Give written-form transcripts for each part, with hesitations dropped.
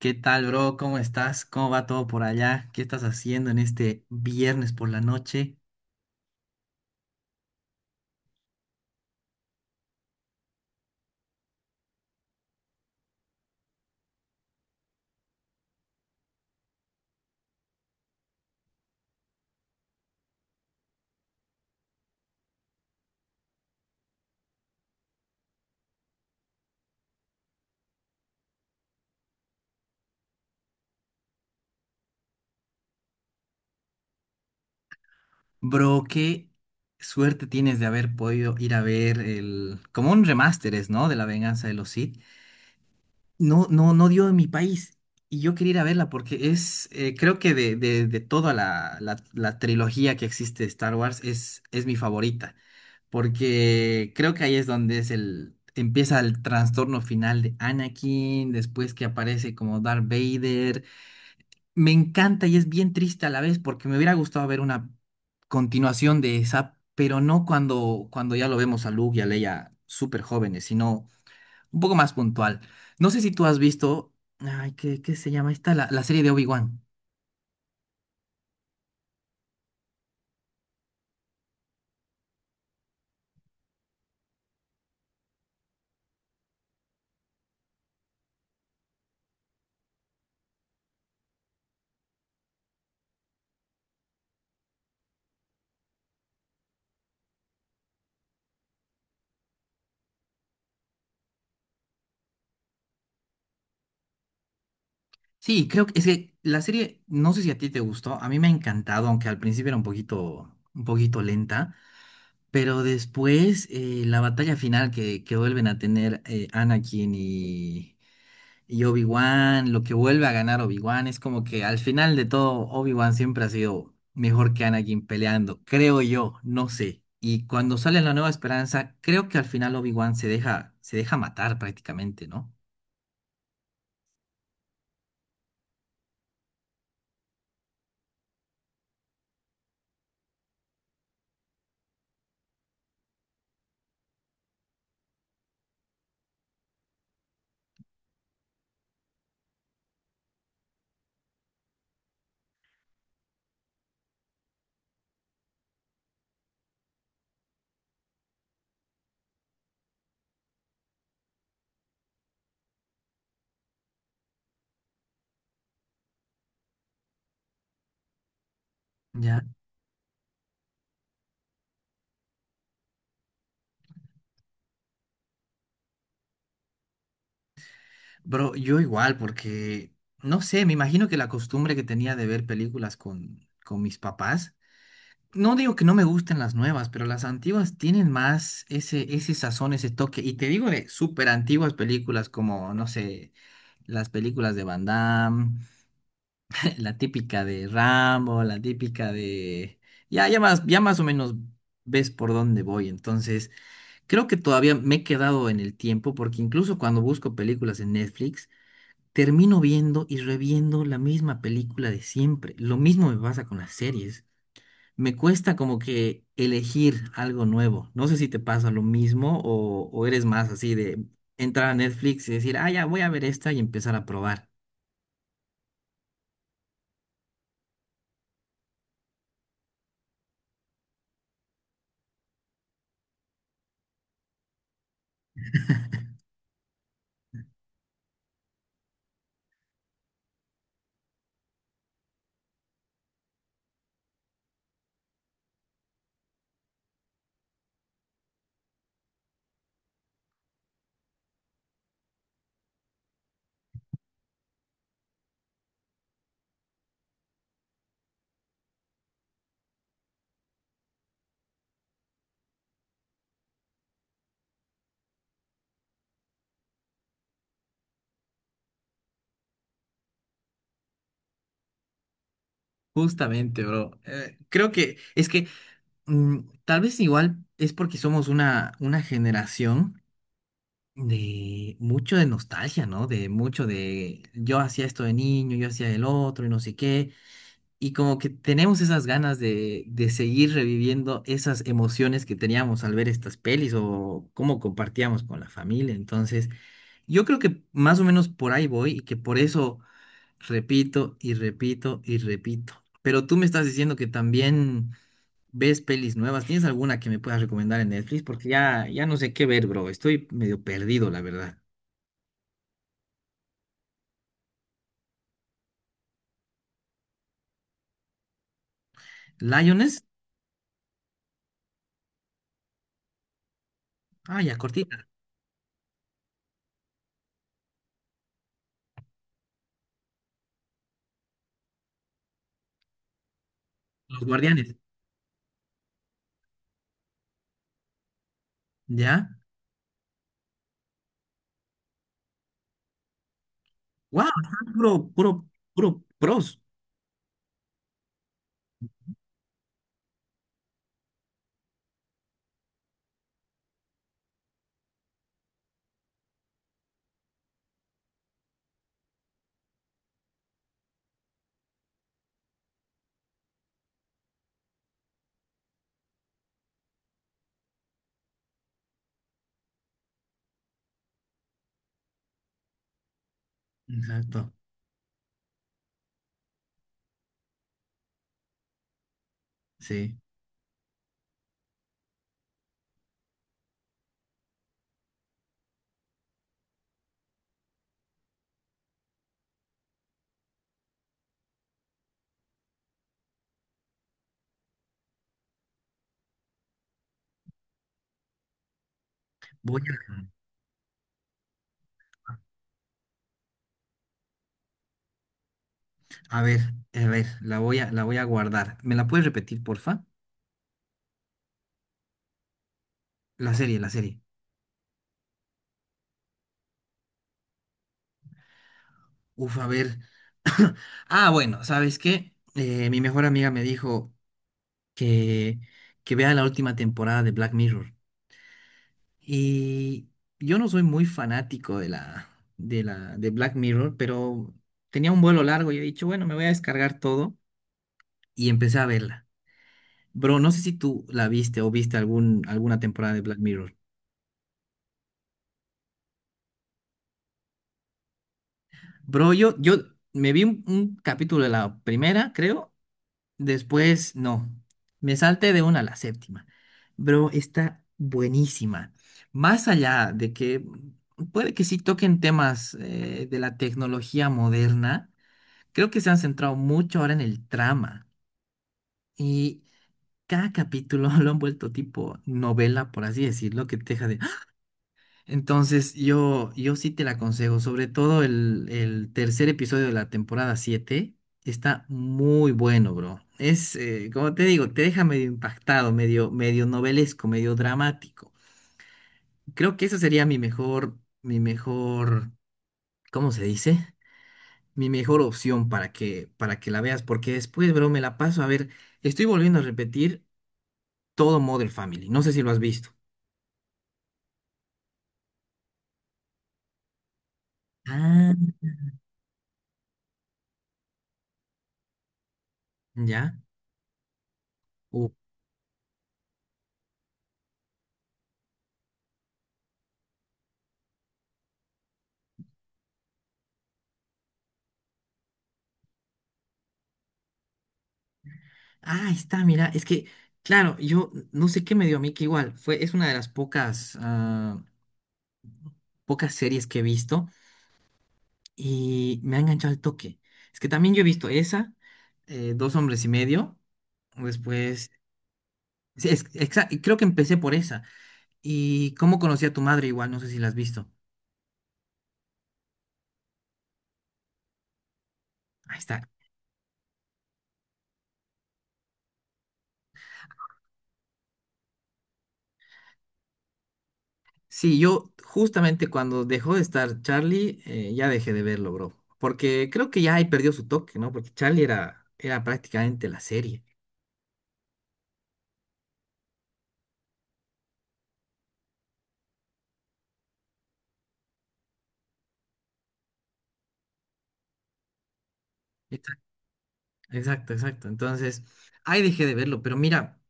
¿Qué tal, bro? ¿Cómo estás? ¿Cómo va todo por allá? ¿Qué estás haciendo en este viernes por la noche? Bro, qué suerte tienes de haber podido ir a ver el... como un remaster es, ¿no? De La Venganza de los Sith. No, no, dio en mi país. Y yo quería ir a verla porque es, creo que de toda la trilogía que existe de Star Wars es mi favorita. Porque creo que ahí es donde es el, empieza el trastorno final de Anakin, después que aparece como Darth Vader. Me encanta y es bien triste a la vez porque me hubiera gustado ver una continuación de esa, pero no cuando ya lo vemos a Luke y a Leia súper jóvenes, sino un poco más puntual. No sé si tú has visto, ay, ¿qué se llama esta? La serie de Obi-Wan. Sí, creo que es que la serie, no sé si a ti te gustó, a mí me ha encantado, aunque al principio era un poquito lenta. Pero después, la batalla final que vuelven a tener Anakin y Obi-Wan, lo que vuelve a ganar Obi-Wan, es como que al final de todo, Obi-Wan siempre ha sido mejor que Anakin peleando, creo yo, no sé. Y cuando sale La Nueva Esperanza, creo que al final Obi-Wan se deja matar prácticamente, ¿no? Ya. Bro, yo igual, porque, no sé, me imagino que la costumbre que tenía de ver películas con mis papás. No digo que no me gusten las nuevas, pero las antiguas tienen más ese, ese sazón, ese toque. Y te digo de súper antiguas películas como, no sé, las películas de Van Damme, la típica de Rambo, la típica de... Ya, ya más o menos ves por dónde voy. Entonces, creo que todavía me he quedado en el tiempo porque incluso cuando busco películas en Netflix, termino viendo y reviendo la misma película de siempre. Lo mismo me pasa con las series, me cuesta como que elegir algo nuevo. No sé si te pasa lo mismo o eres más así de entrar a Netflix y decir, ah, ya voy a ver esta y empezar a probar. Justamente, bro. Creo que es que mm, tal vez igual es porque somos una generación de mucho de nostalgia, ¿no? De mucho de yo hacía esto de niño, yo hacía el otro y no sé qué. Y como que tenemos esas ganas de seguir reviviendo esas emociones que teníamos al ver estas pelis o cómo compartíamos con la familia. Entonces, yo creo que más o menos por ahí voy y que por eso repito y repito y repito. Pero tú me estás diciendo que también ves pelis nuevas. ¿Tienes alguna que me puedas recomendar en Netflix? Porque ya, ya no sé qué ver, bro. Estoy medio perdido, la verdad. ¿Lioness? Ah, ya, cortita. Los Guardianes. ¿Ya? ¡Wow! Puro, puro, puro pros. Exacto, sí. Voy a, a ver, a ver, la voy a guardar. ¿Me la puedes repetir, porfa? La serie, la serie. Uf, a ver. Ah, bueno, ¿sabes qué? Mi mejor amiga me dijo que, que vea la última temporada de Black Mirror. Y yo no soy muy fanático de de Black Mirror, pero tenía un vuelo largo y he dicho, bueno, me voy a descargar todo y empecé a verla. Bro, no sé si tú la viste o viste alguna temporada de Black Mirror. Bro, yo me vi un capítulo de la primera, creo. Después, no. Me salté de una a la séptima. Bro, está buenísima. Más allá de que puede que sí toquen temas de la tecnología moderna, creo que se han centrado mucho ahora en el trama. Y cada capítulo lo han vuelto tipo novela, por así decirlo, que te deja. Entonces, yo sí te la aconsejo, sobre todo el tercer episodio de la temporada 7 está muy bueno, bro. Es, como te digo, te deja medio impactado, medio, medio novelesco, medio dramático. Creo que esa sería mi mejor, ¿cómo se dice? Mi mejor opción para para que la veas, porque después, bro, me la paso a ver. Estoy volviendo a repetir todo Modern Family. No sé si lo has visto. Ah, ¿ya? Ah, ahí está, mira, es que, claro, yo no sé qué me dio a mí, que igual fue, es una de las pocas, ah, pocas series que he visto y me ha enganchado al toque. Es que también yo he visto esa, Dos hombres y medio, después, sí, es- exa- y creo que empecé por esa. Y cómo conocí a tu madre, igual, no sé si la has visto. Ahí está. Sí, yo justamente cuando dejó de estar Charlie, ya dejé de verlo, bro. Porque creo que ya ahí perdió su toque, ¿no? Porque Charlie era prácticamente la serie. Exacto, exacto. Entonces, ahí dejé de verlo, pero mira,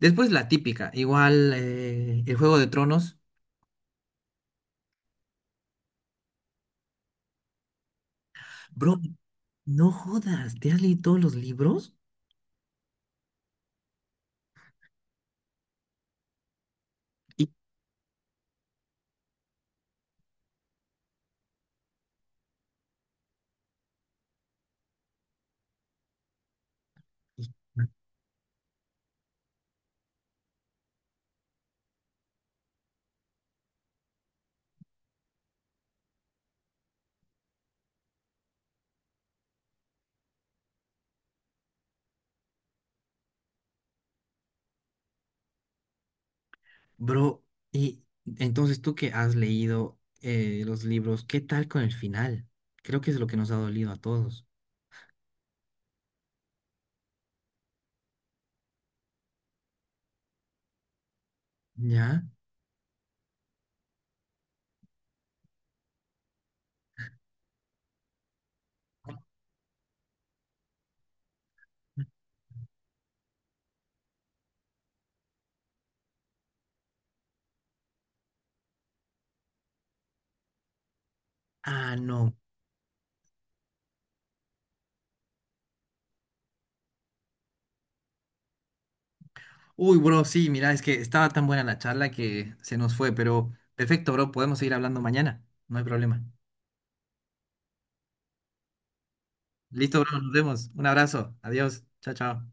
después la típica, igual el Juego de Tronos. Bro, no jodas, ¿te has leído todos los libros? Y- y- Bro, y entonces tú que has leído los libros, ¿qué tal con el final? Creo que es lo que nos ha dolido a todos. ¿Ya? Ah, no. Uy, bro, sí, mira, es que estaba tan buena la charla que se nos fue, pero perfecto, bro, podemos seguir hablando mañana, no hay problema. Listo, bro, nos vemos. Un abrazo. Adiós. Chao, chao.